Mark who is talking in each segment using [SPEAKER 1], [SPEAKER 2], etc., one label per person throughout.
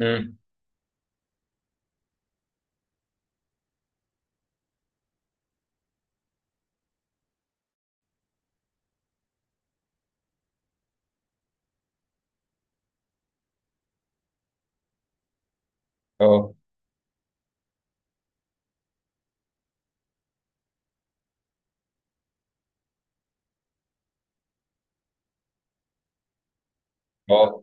[SPEAKER 1] امم. اه. اه.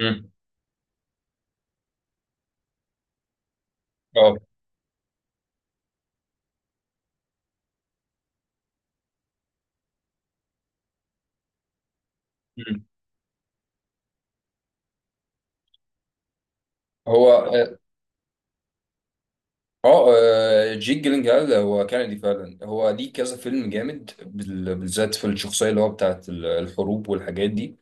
[SPEAKER 1] امم. اه. امم. هو جيك جيلنهال هو كندي فعلا. هو ليه كذا فيلم جامد بالذات في الشخصيه اللي هو بتاعت الحروب والحاجات دي.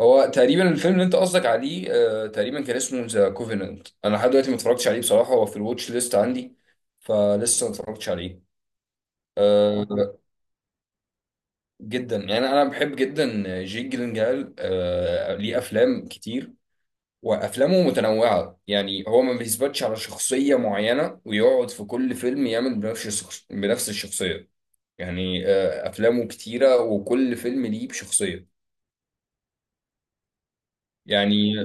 [SPEAKER 1] هو تقريبا الفيلم اللي انت قصدك عليه. تقريبا كان اسمه ذا كوفيننت. انا لحد دلوقتي ما اتفرجتش عليه بصراحه، هو في الواتش ليست عندي، فلسه ما اتفرجتش عليه. آه، جدا، يعني انا بحب جدا جيك جيلنهال. ليه افلام كتير، وافلامه متنوعه. يعني هو ما بيثبتش على شخصيه معينه، ويقعد في كل فيلم يعمل بنفس الشخصيه. يعني افلامه كتيره وكل فيلم ليه بشخصيه. يعني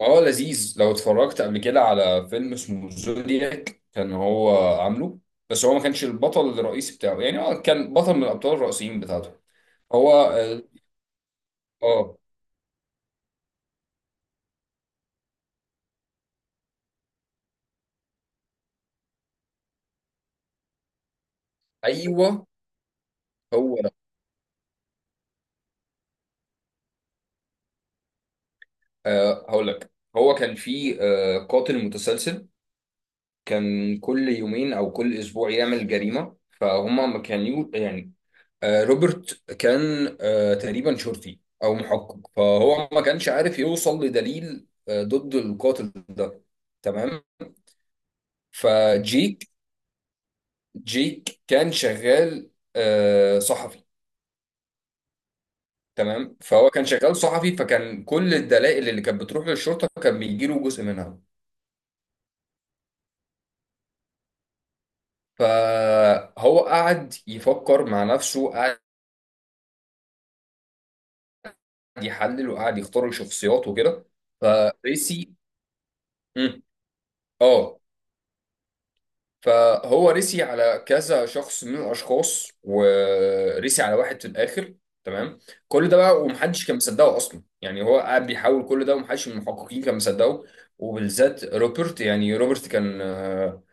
[SPEAKER 1] اه، لذيذ. لو اتفرجت قبل كده على فيلم اسمه زودياك، كان هو عامله، بس هو ما كانش البطل الرئيسي بتاعه. يعني هو كان بطل من الابطال الرئيسيين بتاعته. هو اه. آه، ايوه، هو ده. هقول لك. هو كان في قاتل متسلسل كان كل يومين او كل اسبوع يعمل جريمه، فهم ما كانوا يعني. روبرت كان تقريبا شرطي او محقق، فهو ما كانش عارف يوصل لدليل ضد القاتل ده. تمام. فجيك جيك كان شغال صحفي. تمام. فهو كان شغال صحفي، فكان كل الدلائل اللي كانت بتروح للشرطه كان بيجيله جزء منها. فهو قعد يفكر مع نفسه، قعد يحلل وقعد يختار الشخصيات وكده. فريسي. مم. اه. فهو ريسي على كذا شخص من الاشخاص، وريسي على واحد في الاخر. تمام. كل ده بقى ومحدش كان مصدقه اصلا، يعني هو قاعد بيحاول كل ده ومحدش من المحققين كان مصدقه، وبالذات روبرت. يعني روبرت كان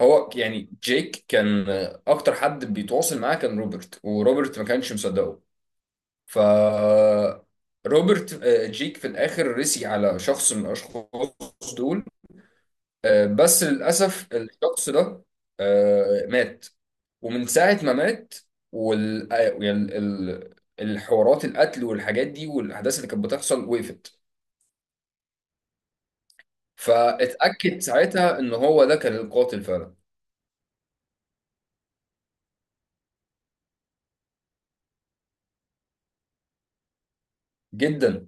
[SPEAKER 1] هو يعني جيك كان اكتر حد بيتواصل معاه كان روبرت، وروبرت ما كانش مصدقه. ف، روبرت، جيك في الاخر رسي على شخص من الاشخاص دول. بس للاسف الشخص ده مات. ومن ساعة ما مات وال آه، يعني الحوارات، القتل والحاجات دي والأحداث اللي كانت بتحصل وقفت. فاتأكد ساعتها إن هو ده كان القاتل فعلا. جدا.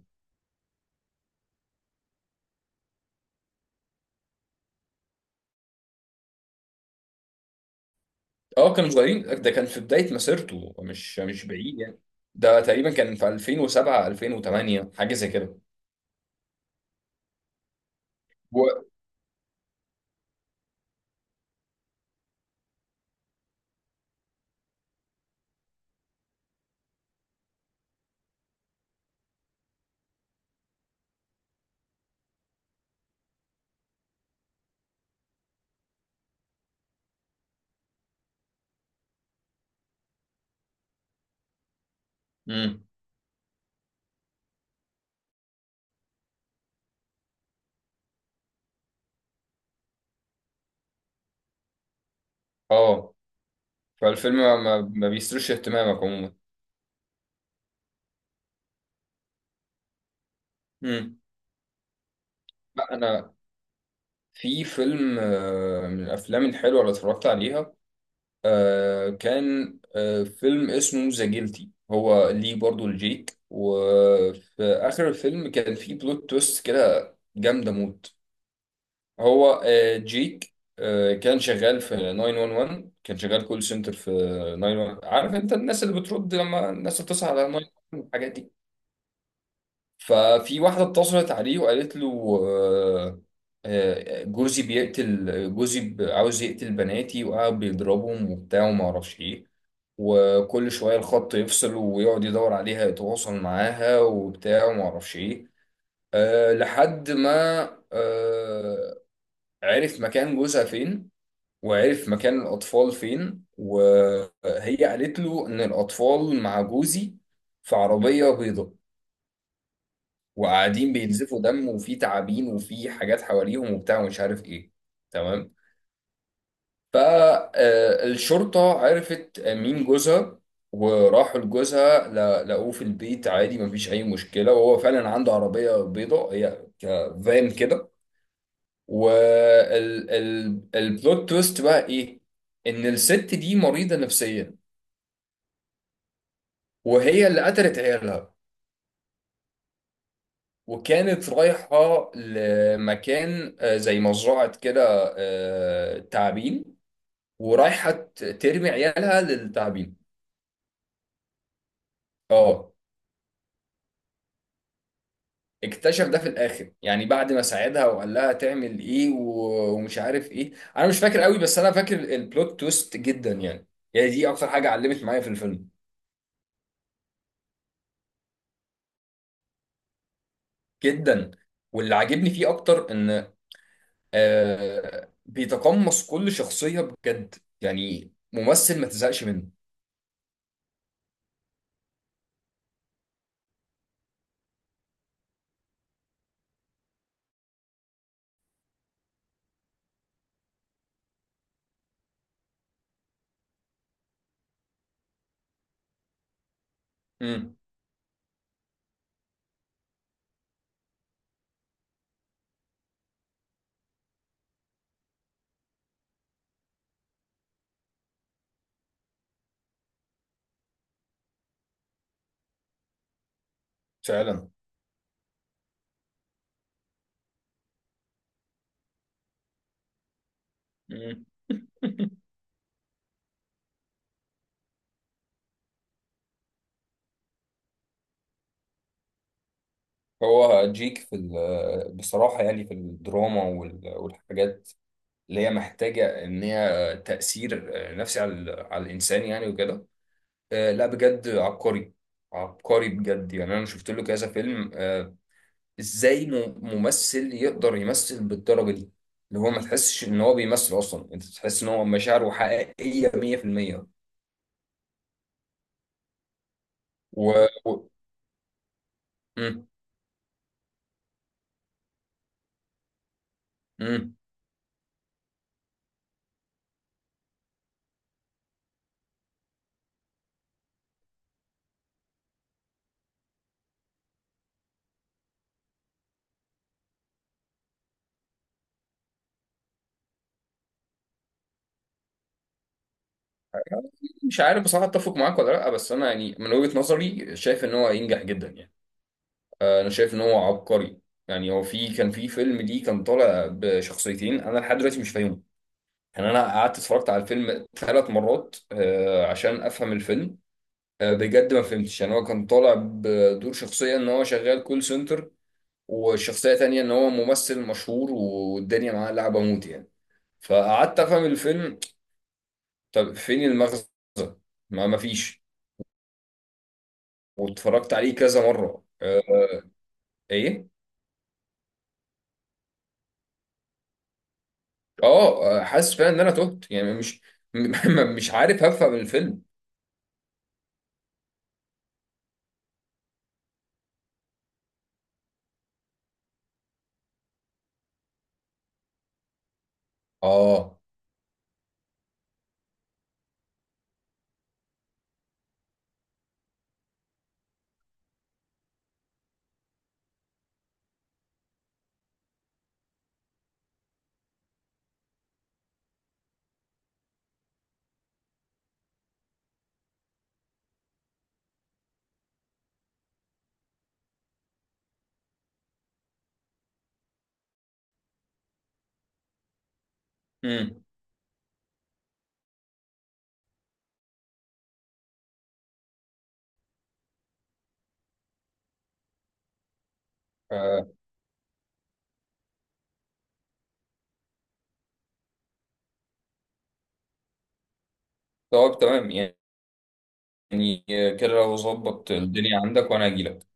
[SPEAKER 1] اه، كانوا صغيرين، ده كان في بداية مسيرته، مش بعيد يعني. ده تقريبا كان في 2007 2008، حاجة زي كده. و... اه. فالفيلم ما بيثيرش اهتمامك عموما. امم. لا انا، في فيلم من الافلام الحلوه اللي اتفرجت عليها كان فيلم اسمه ذا جيلتي. هو ليه برضو الجيك، وفي اخر الفيلم كان في بلوت تويست كده جامده موت. هو جيك كان شغال في 911. كان شغال كول سنتر في 911. عارف انت الناس اللي بترد لما الناس بتصحى على 911، الحاجات دي. ففي واحدة اتصلت عليه وقالت له جوزي عاوز يقتل بناتي وقاعد بيضربهم وبتاع وما اعرفش ايه. وكل شوية الخط يفصل ويقعد يدور عليها يتواصل معاها وبتاع وما اعرفش ايه. لحد ما آه، عرف مكان جوزها فين، وعرف مكان الأطفال فين. وهي قالت له إن الأطفال مع جوزي في عربية بيضاء، وقاعدين بينزفوا دم وفي تعابين وفي حاجات حواليهم وبتاع ومش عارف ايه. تمام. فالشرطة عرفت مين جوزها، وراحوا لجوزها لقوه في البيت عادي، مفيش أي مشكلة. وهو فعلا عنده عربية بيضاء، هي كفان كده. والبلوت تويست بقى إيه؟ إن الست دي مريضة نفسيا، وهي اللي قتلت عيالها، وكانت رايحة لمكان زي مزرعة كده تعابين، ورايحة ترمي عيالها للتعابين. اه. اكتشف ده في الاخر، يعني بعد ما ساعدها وقال لها تعمل ايه ومش عارف ايه. انا مش فاكر قوي، بس انا فاكر البلوت تويست جدا يعني. يعني دي اكتر حاجة علمت معايا في الفيلم. جدا. واللي عاجبني فيه اكتر ان بيتقمص كل شخصية بجد، يعني ممثل ما تزهقش منه. امم. فعلا. مم. هو جيك في بصراحة، يعني في الدراما والحاجات اللي هي محتاجة إن هي تأثير نفسي على على الإنسان يعني وكده. لا بجد عبقري. عبقري بجد، يعني أنا شفت له كذا فيلم. إزاي ممثل يقدر يمثل بالدرجة دي؟ اللي هو ما تحسش إن هو بيمثل أصلا. أنت تحس إن هو مشاعره حقيقية 100%. و... و... مم. مم. مش عارف بصراحة أتفق معاك ولا لأ، بس أنا يعني من وجهة نظري شايف إن هو ينجح جدا يعني. انا شايف ان هو عبقري. يعني هو كان في فيلم ليه كان طالع بشخصيتين، انا لحد دلوقتي مش فاهمهم. يعني انا قعدت اتفرجت على الفيلم 3 مرات عشان افهم الفيلم. بجد ما فهمتش، يعني هو كان طالع بدور شخصية ان هو شغال كول سنتر، والشخصية تانية ان هو ممثل مشهور والدنيا معاه لعبة موت يعني. فقعدت افهم الفيلم، طب فين المغزى؟ ما فيش. واتفرجت عليه كذا مرة. ايه. اه. حاسس فعلا ان انا تهت يعني، مش مش عارف هفهم الفيلم. اه. امم. آه، طب تمام. يعني كده لو ظبط الدنيا عندك وانا هجيلك